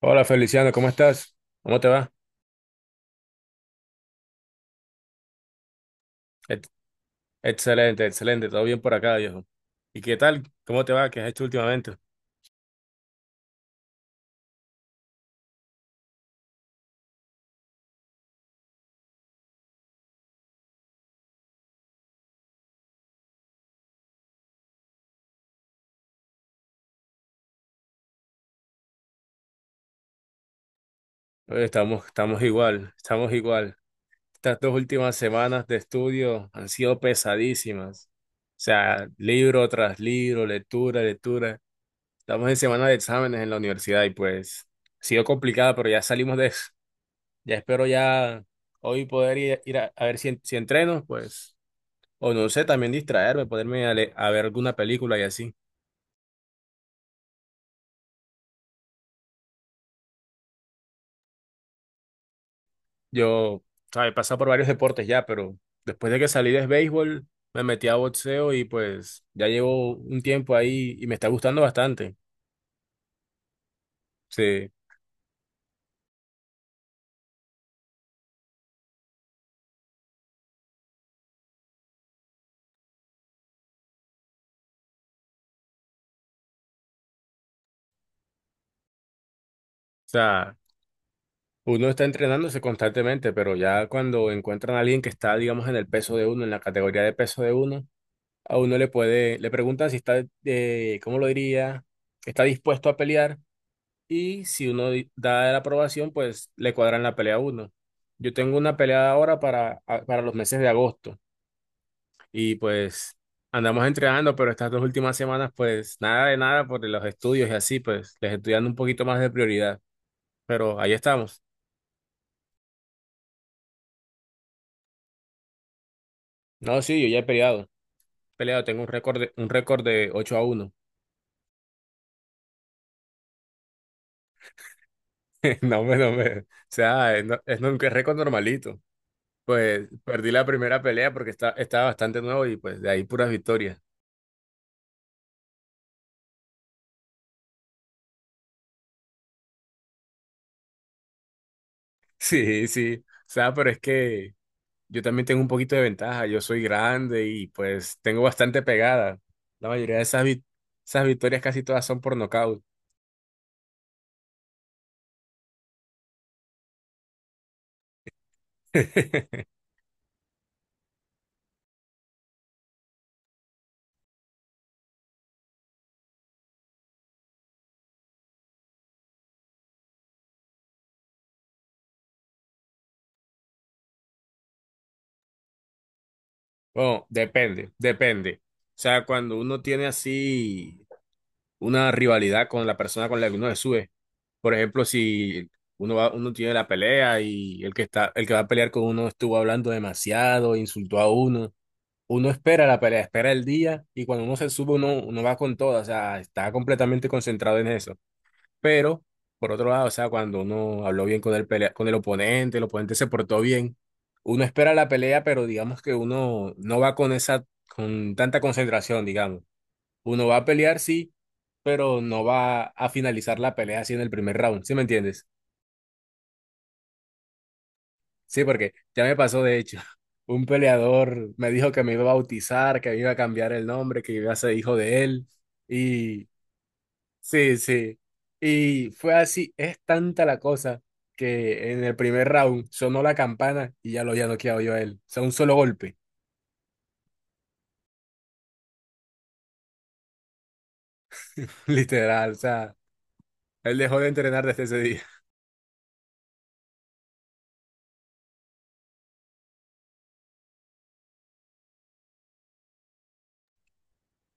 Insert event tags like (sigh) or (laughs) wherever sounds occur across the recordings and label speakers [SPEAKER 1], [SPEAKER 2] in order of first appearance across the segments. [SPEAKER 1] Hola Feliciano, ¿cómo estás? ¿Cómo te va? Ex- Excelente, excelente, todo bien por acá, viejo. ¿Y qué tal? ¿Cómo te va? ¿Qué has hecho últimamente? Oye, estamos igual, estamos igual. Estas dos últimas semanas de estudio han sido pesadísimas. O sea, libro tras libro, lectura, lectura. Estamos en semana de exámenes en la universidad y pues ha sido complicada, pero ya salimos de eso. Ya espero ya hoy poder ir a ver si, si entreno, pues. O no sé, también distraerme, ponerme a, a ver alguna película y así. Yo, ¿sabes? He pasado por varios deportes ya, pero después de que salí de béisbol, me metí a boxeo y pues ya llevo un tiempo ahí y me está gustando bastante. Sí, o sea, uno está entrenándose constantemente, pero ya cuando encuentran a alguien que está, digamos, en el peso de uno, en la categoría de peso de uno, a uno le puede, le preguntan si está, ¿cómo lo diría? ¿Está dispuesto a pelear? Y si uno da la aprobación, pues le cuadran la pelea a uno. Yo tengo una pelea ahora para, para los meses de agosto. Y pues andamos entrenando, pero estas dos últimas semanas, pues nada de nada por los estudios y así, pues les estoy dando un poquito más de prioridad. Pero ahí estamos. No, sí, yo ya he peleado. Peleado, tengo un récord de 8-1. (laughs) No me, no me. O sea, es, no- es un récord normalito. Pues perdí la primera pelea porque estaba bastante nuevo y pues de ahí puras victorias. Sí, sí. O sea, pero es que yo también tengo un poquito de ventaja. Yo soy grande y pues tengo bastante pegada. La mayoría de esas, esas victorias casi todas son por nocaut. (laughs) Bueno, depende, depende. O sea, cuando uno tiene así una rivalidad con la persona con la que uno se sube. Por ejemplo, si uno va, uno tiene la pelea y el que va a pelear con uno estuvo hablando demasiado, insultó a uno. Uno espera la pelea, espera el día y cuando uno se sube uno va con todo, o sea, está completamente concentrado en eso. Pero, por otro lado, o sea, cuando uno habló bien con el pelea, con el oponente se portó bien, uno espera la pelea, pero digamos que uno no va con esa, con tanta concentración, digamos. Uno va a pelear, sí, pero no va a finalizar la pelea así en el primer round, ¿sí me entiendes? Sí, porque ya me pasó, de hecho, (laughs) un peleador me dijo que me iba a bautizar, que me iba a cambiar el nombre, que iba a ser hijo de él. Y sí, sí. Y fue así, es tanta la cosa que en el primer round sonó la campana y ya lo había noqueado yo a él. O sea, un solo golpe, (laughs) literal. O sea, él dejó de entrenar desde ese día.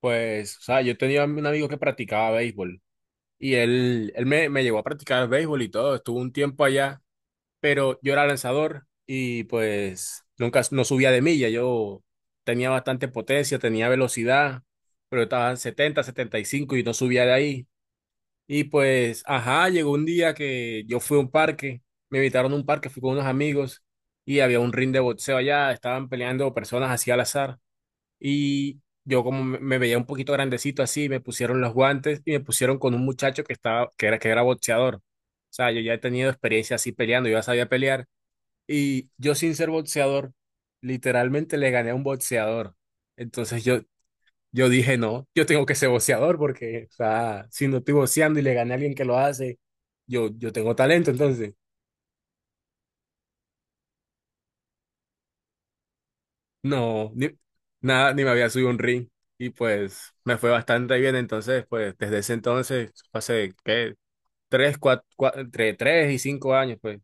[SPEAKER 1] Pues, o sea, yo tenía un amigo que practicaba béisbol y él me llevó a practicar béisbol y todo. Estuvo un tiempo allá, pero yo era lanzador y pues nunca no subía de milla. Yo tenía bastante potencia, tenía velocidad, pero estaba en 70, 75 y no subía de ahí. Y pues, ajá, llegó un día que yo fui a un parque, me invitaron a un parque, fui con unos amigos y había un ring de boxeo allá, estaban peleando personas así al azar y yo como me veía un poquito grandecito así, me pusieron los guantes y me pusieron con un muchacho que estaba que era boxeador. O sea, yo ya he tenido experiencia así peleando, yo ya sabía pelear y yo sin ser boxeador, literalmente le gané a un boxeador. Entonces yo dije, no, yo tengo que ser boxeador porque, o sea, si no estoy boxeando y le gané a alguien que lo hace, yo tengo talento. Entonces, no, ni, nada, ni me había subido a un ring. Y pues me fue bastante bien. Entonces, pues desde ese entonces, hace, ¿qué? 3, 4, entre 3 y 5 años, pues,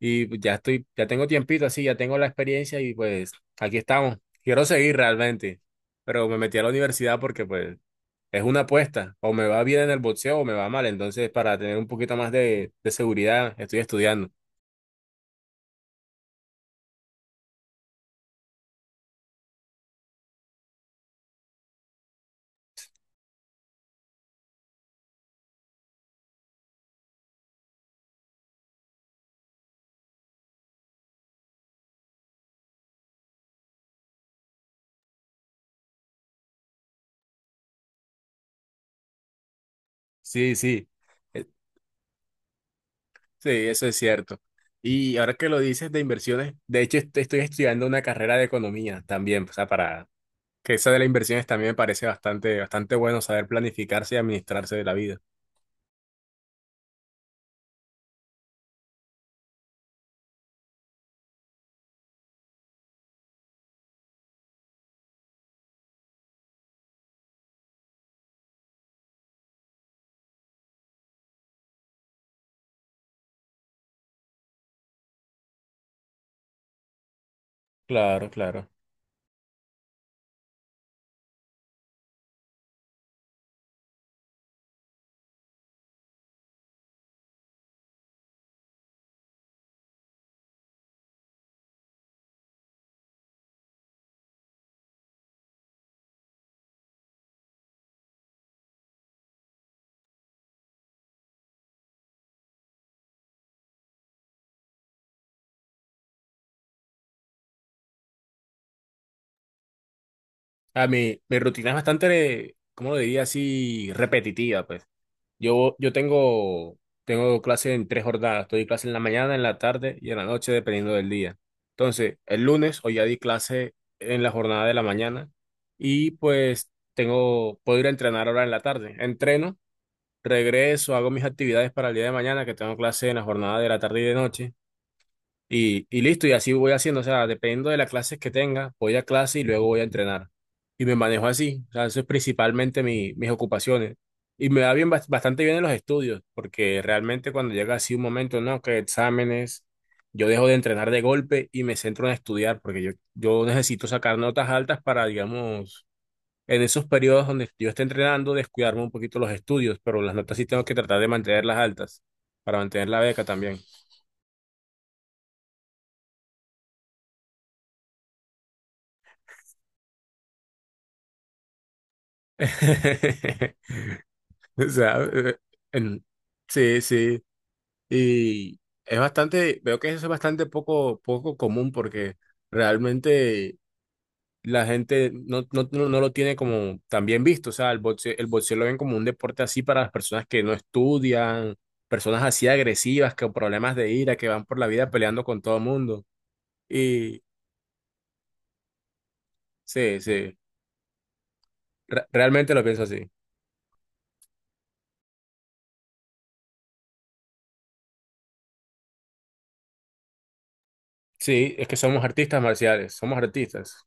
[SPEAKER 1] y pues ya estoy, ya tengo tiempito así, ya tengo la experiencia y pues aquí estamos. Quiero seguir realmente, pero me metí a la universidad porque pues es una apuesta. O me va bien en el boxeo o me va mal. Entonces, para tener un poquito más de seguridad, estoy estudiando. Sí, sí, eh, sí, eso es cierto. Y ahora que lo dices de inversiones, de hecho estoy estudiando una carrera de economía también, o sea, para que esa de las inversiones también me parece bastante, bastante bueno saber planificarse y administrarse de la vida. Claro, claro. A mi, mi rutina es bastante, ¿cómo lo diría así? Repetitiva, pues. Yo tengo clase en tres jornadas. Doy clase en la mañana, en la tarde y en la noche, dependiendo del día. Entonces, el lunes hoy ya di clase en la jornada de la mañana y pues puedo ir a entrenar ahora en la tarde. Entreno, regreso, hago mis actividades para el día de mañana, que tengo clase en la jornada de la tarde y de noche. Y listo, y así voy haciendo, o sea, dependiendo de las clases que tenga, voy a clase y luego voy a entrenar. Y me manejo así, o sea, eso es principalmente mi, mis ocupaciones. Y me va bien, bastante bien en los estudios, porque realmente cuando llega así un momento, no, que exámenes, yo dejo de entrenar de golpe y me centro en estudiar, porque yo necesito sacar notas altas para, digamos, en esos periodos donde yo esté entrenando, descuidarme un poquito los estudios, pero las notas sí tengo que tratar de mantenerlas altas, para mantener la beca también. (laughs) (laughs) O sea, en- sí, sí. Y es bastante, veo que eso es bastante poco, poco común, porque realmente la gente no, no, no, no lo tiene como tan bien visto. O sea, el boxeo lo ven como un deporte así para las personas que no estudian, personas así agresivas, con problemas de ira, que van por la vida peleando con todo el mundo. Y sí, sí, realmente lo pienso así. Sí, es que somos artistas marciales, somos artistas.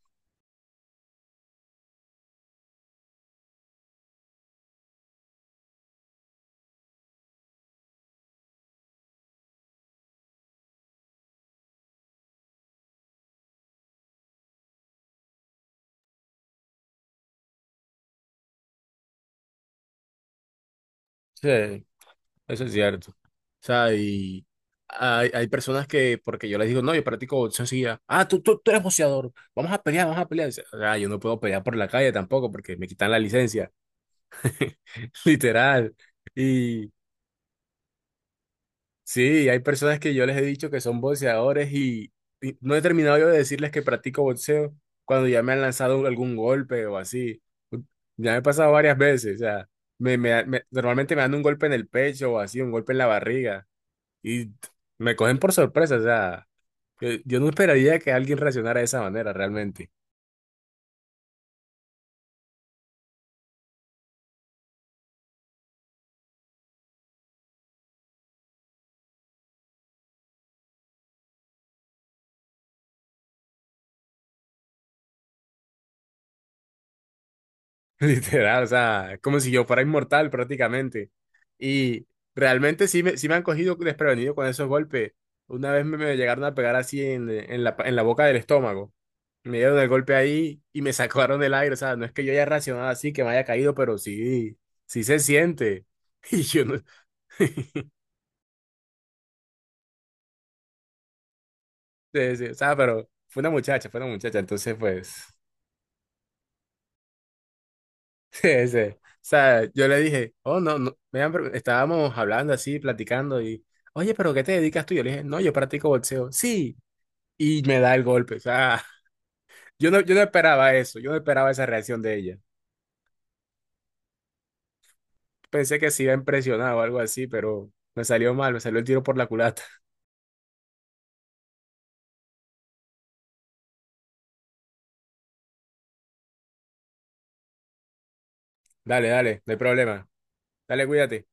[SPEAKER 1] Sí. Eso es cierto. O sea, y hay personas que, porque yo les digo, no, yo practico boxeo enseguida. Ah, tú eres boxeador. Vamos a pelear, vamos a pelear. Dice, o sea, yo no puedo pelear por la calle tampoco porque me quitan la licencia. (laughs) Literal. Y sí, hay personas que yo les he dicho que son boxeadores y no he terminado yo de decirles que practico boxeo cuando ya me han lanzado algún golpe o así. Ya me ha pasado varias veces. O sea, normalmente me dan un golpe en el pecho o así, un golpe en la barriga. Y me cogen por sorpresa, o sea, yo no esperaría que alguien reaccionara de esa manera realmente. (laughs) Literal, o sea, como si yo fuera inmortal prácticamente. Y realmente sí me han cogido desprevenido con esos golpes. Una vez me llegaron a pegar así en la boca del estómago. Me dieron el golpe ahí y me (laughs) sacaron el aire. O sea, no es que yo haya reaccionado así, que me haya caído, pero sí, sí se siente. (laughs) Y yo no. (laughs) Sí, sí, o sea, pero fue una muchacha, fue una muchacha. Entonces, pues. (laughs) Sí, sí. O sea, yo le dije, oh, no, no, me han estábamos hablando así, platicando y, oye, pero ¿qué te dedicas tú? Yo le dije, no, yo practico boxeo. Sí, y me da el golpe. O sea, (laughs) yo no, yo no esperaba eso, yo no esperaba esa reacción de ella. Pensé que se iba a impresionar o algo así, pero me salió mal, me salió el tiro por la culata. (laughs) Dale, dale, no hay problema. Dale, cuídate.